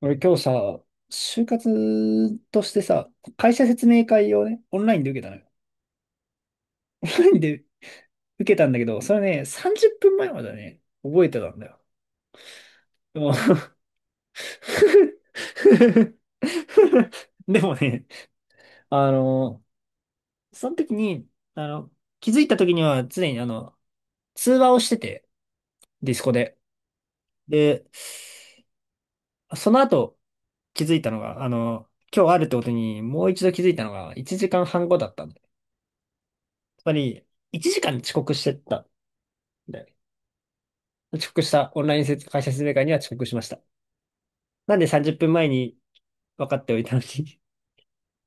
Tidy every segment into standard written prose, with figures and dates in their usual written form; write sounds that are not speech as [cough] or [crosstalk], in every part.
俺今日さ、就活としてさ、会社説明会をね、オンラインで受けたのよ。[laughs] オンラインで受けたんだけど、それね、30分前まではね、覚えてたんだよ。でも [laughs] でもね、あの、その時に、あの、気づいた時には常に通話をしてて、ディスコで。で、その後気づいたのが、今日あるってことにもう一度気づいたのが1時間半後だったんだよ。つまり、1時間遅刻してった。遅刻した。オンライン会社説明会には遅刻しました。なんで30分前に分かっておいたのに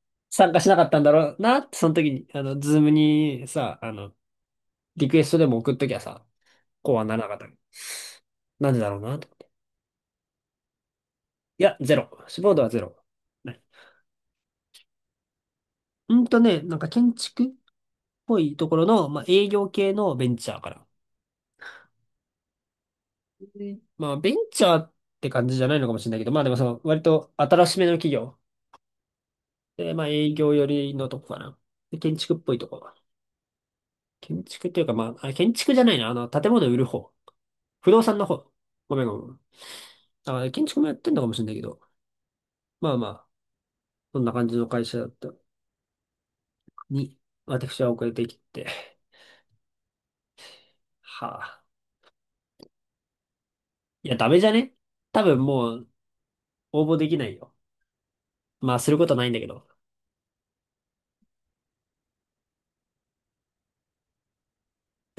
[laughs] 参加しなかったんだろうなって、その時に、ズームにさ、リクエストでも送っときゃさ、こうはならなかった。なんでだろうなと。いや、ゼロ。志望度はゼロ。ね。なんか建築っぽいところの、まあ、営業系のベンチャーから。でまあ、ベンチャーって感じじゃないのかもしれないけど、まあでもその、割と新しめの企業。で、まあ、営業寄りのとこかな。で、建築っぽいとこ。建築っていうか、まあ、あ、建築じゃないな。建物売る方。不動産の方。ごめんごめん。あ、建築もやってんのかもしれないけど。まあまあ、そんな感じの会社だったに、私は遅れてきて。はあ。いや、ダメじゃね、多分もう応募できないよ。まあ、することないんだけど。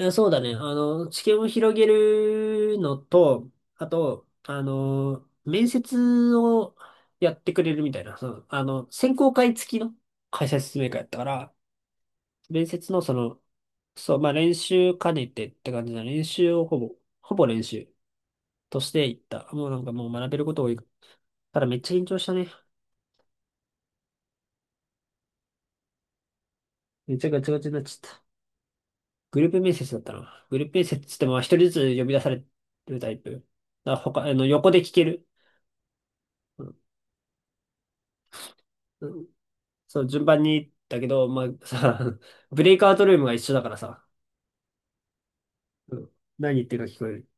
そうだね。知見を広げるのと、あと、面接をやってくれるみたいな。その、選考会付きの会社説明会やったから、面接のその、そう、まあ練習兼ねてって感じな練習をほぼ、ほぼ練習としていった。もうなんかもう学べること多い。ただめっちゃ緊張したね。めっちゃガチガチになっちゃった。グループ面接だったな。グループ面接っつってもまあ一人ずつ呼び出されるタイプ。だから他、横で聞ける。うんうん、そう、順番に、だけど、まあさ、[laughs] ブレイクアウトルームが一緒だからさ、うん、何言ってるか聞こえる。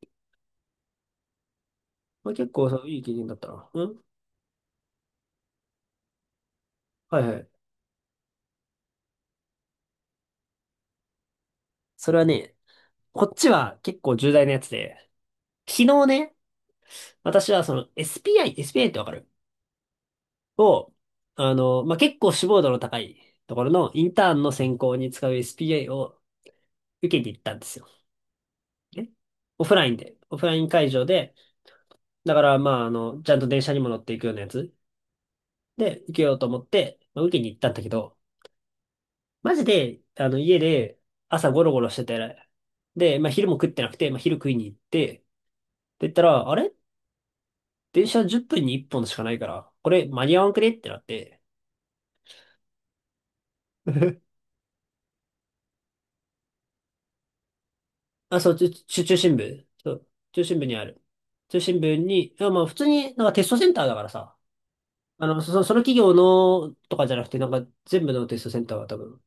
まあ結構そう、いい経験だったな。うん、はいはい。それはね、こっちは結構重大なやつで、昨日ね、私はその SPI、SPI ってわかるを、まあ、結構志望度の高いところのインターンの選考に使う SPI を受けに行ったんですよ。ね。オフラインで、オフライン会場で、だからまあ、ちゃんと電車にも乗っていくようなやつで受けようと思って、まあ、受けに行ったんだけど、マジで、家で朝ゴロゴロしてて、で、まあ、昼も食ってなくて、まあ、昼食いに行って、って言ったら、あれ、電車10分に1本しかないから、これ間に合わんくねってなって、[laughs] あ、そう、中心部。そう、中心部にある。中心部に、いや、まあ普通になんかテストセンターだからさ、その企業のとかじゃなくて、なんか全部のテストセンターは多分、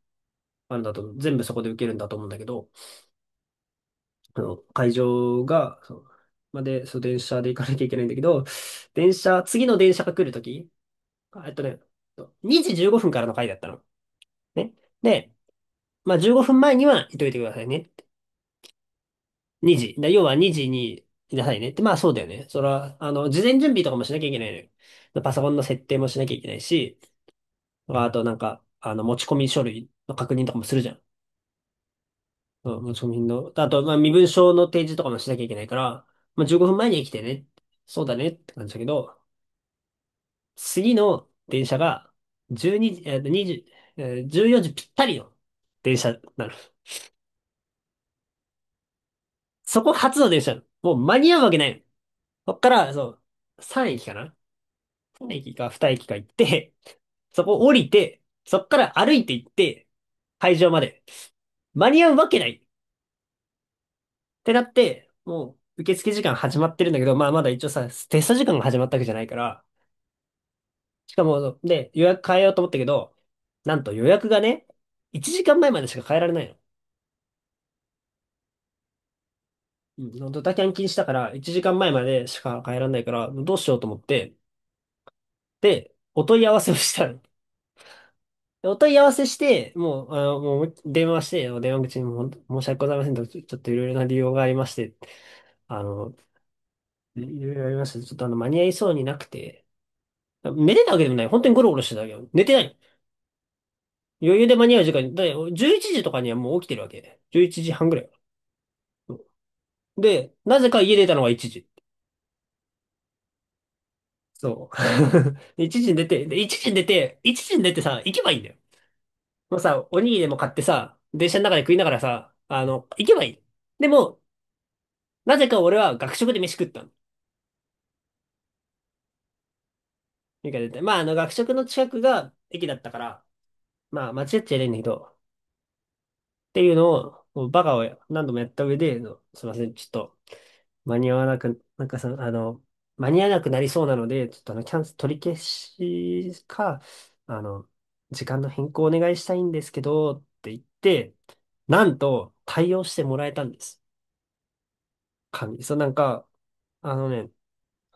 あるんだと思う。全部そこで受けるんだと思うんだけど、会場が、そう、まで、そう、電車で行かなきゃいけないんだけど、次の電車が来るとき、あえっとね、2時15分からの回だったの。ね。で、まあ15分前には行っといてくださいね。2時。要は2時にいなさいね。って、まあそうだよね。それは、事前準備とかもしなきゃいけないのよ。パソコンの設定もしなきゃいけないし、あとなんか、持ち込み書類の確認とかもするじゃん。うん、持ち込みの。あと、まあ身分証の提示とかもしなきゃいけないから、まあ15分前に来てね。そうだねって感じだけど、次の電車が12時、20、14時ぴったりの電車なの。そこが初の電車なの。もう間に合うわけないの。こっから、そう、3駅かな。駅か2駅か行って、そこ降りて、そっから歩いて行って、会場まで。間に合うわけないってなって、もう受付時間始まってるんだけど、まあまだ一応さ、テスト時間が始まったわけじゃないから、しかも、で、予約変えようと思ったけど、なんと予約がね、1時間前までしか変えられないの。うん、ドタキャン禁止だから、1時間前までしか変えられないから、どうしようと思って、で、お問い合わせをしたの。お問い合わせして、もう、もう電話して、電話口にも申し訳ございませんと、ちょっといろいろな理由がありまして、あの、いろいろありまして、ちょっと間に合いそうになくて、寝てたわけでもない。本当にゴロゴロしてたわけよ。寝てない。余裕で間に合う時間に、だって11時とかにはもう起きてるわけ。11時半ぐらい。で、なぜか家出たのが1時。そう。[laughs] で1時に出て、で、1時に出て、1時に出てさ、行けばいいんだよ。もうさ、おにぎりでも買ってさ、電車の中で食いながらさ、行けばいい。でも、なぜか俺は学食で飯食ったの。てか絶対まあ、学食の近くが駅だったから、まあ、間違っちゃいないんだけど、っていうのを、もうバカを何度もやった上で、すいません、ちょっと、間に合わなく、なんかさ、間に合わなくなりそうなので、ちょっとキャンセル取り消しか、あの、時間の変更お願いしたいんですけど、って言って、なんと、対応してもらえたんです。神。そう、なんか、あのね、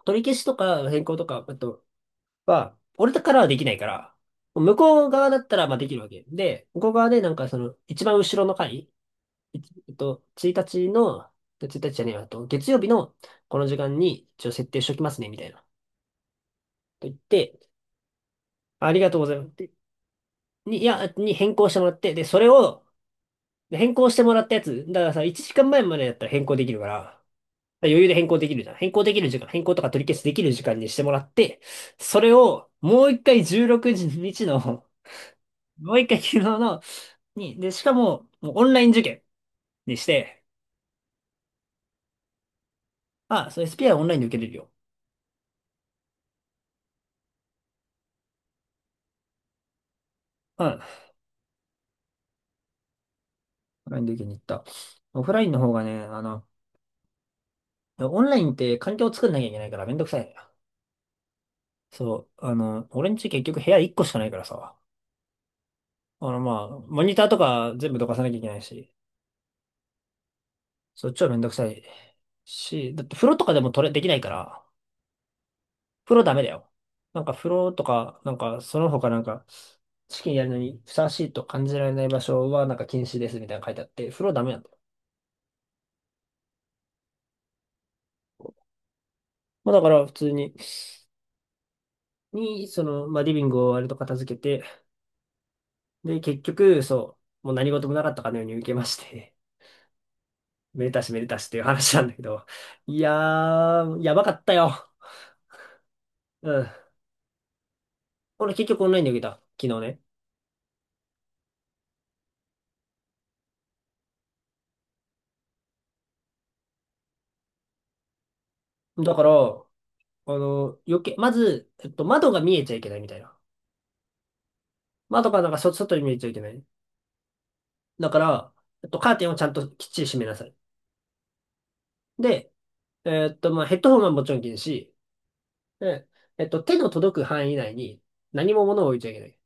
取り消しとか変更とか、あと、は、俺からはできないから、向こう側だったらまあできるわけ。で、向こう側でなんかその、一番後ろの回、いちえっと、1日の、1日じゃねえわ、あと月曜日のこの時間に一応設定しときますね、みたいな。と言って、ありがとうございます。でに、いや、に変更してもらって、で、それを、で変更してもらったやつ、だからさ、1時間前までだったら変更できるから、だから余裕で変更できるじゃん。変更できる時間、変更とか取り消しできる時間にしてもらって、それをもう一回16日のもう一回昨日の、に、で、しかも、もうオンライン受験にして、あ、そう、SPI オンラインで受けれるよ。うん。オンラインで受けに行った。オフラインの方がね、オンラインって環境を作んなきゃいけないからめんどくさいのよ。そう、俺んち結局部屋1個しかないからさ、モニターとか全部どかさなきゃいけないし、そう、超めんどくさいし、だって風呂とかでもできないから、風呂ダメだよ。なんか風呂とか、なんかその他なんか、試験やるのにふさわしいと感じられない場所はなんか禁止ですみたいなの書いてあって、風呂ダメなんだよ。まあだから普通に、まあリビングを割と片付けて、で、結局、そう、もう何事もなかったかのように受けまして、[laughs] めでたしめでたしっていう話なんだけど、いやー、やばかったよ。うん。俺結局オンラインで受けた。昨日ね。だから、余計、まず、窓が見えちゃいけないみたいな。窓がなんかそ外に見えちゃいけない。だから、カーテンをちゃんときっちり閉めなさい。で、ヘッドホンはもちろん禁止。で、手の届く範囲内に何も物を置いちゃいけない。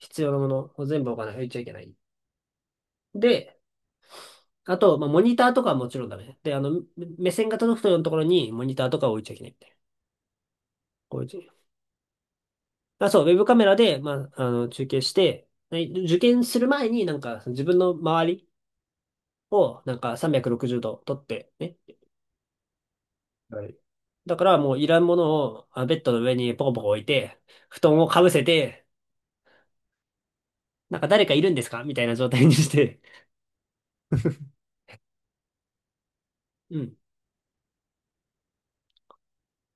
必要なものを全部置かない、置いちゃいけない。で、あと、まあ、モニターとかはもちろんダメ。で、目線が届くようなところにモニターとか置いちゃいけないみたいな。こういう。あ、そう、ウェブカメラで、中継して、はい受験する前になんか自分の周りをなんか360度撮ってね。はい。だからもういらんものをあベッドの上にポコポコ置いて、布団をかぶせて、なんか誰かいるんですかみたいな状態にして、うん。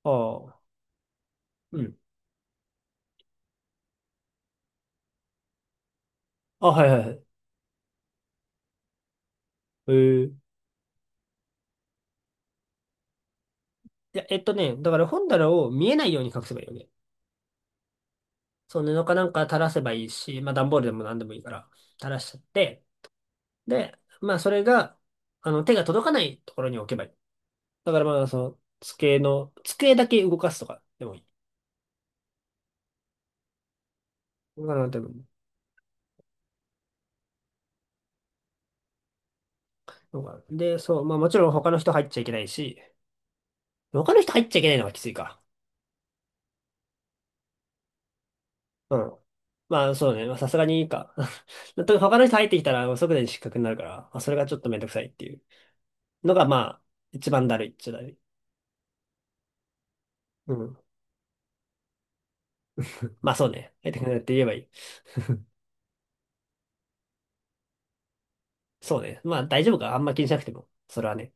ああ、うん。あ、はいはいはい。えー、いだから本棚を見えないように隠せばいいよね。そう、布かなんか垂らせばいいし、まあ段ボールでも何でもいいから、垂らしちゃって、で、まあそれが、手が届かないところに置けばいい。だからまあ、机だけ動かすとかでもいい。動かなくてもいいのかな。で、そう、まあもちろん他の人入っちゃいけないし、他の人入っちゃいけないのがきついか。うん。まあ、そうね。まあ、さすがにいいか。[laughs] と他の人入ってきたら、即座に失格になるから、まあ、それがちょっとめんどくさいっていうのが、まあ、一番だるいっちゃだるい。うん。まあ、そうね。入ってくれって言えばいい。そうね。まあ、大丈夫か。あんま気にしなくても。それはね。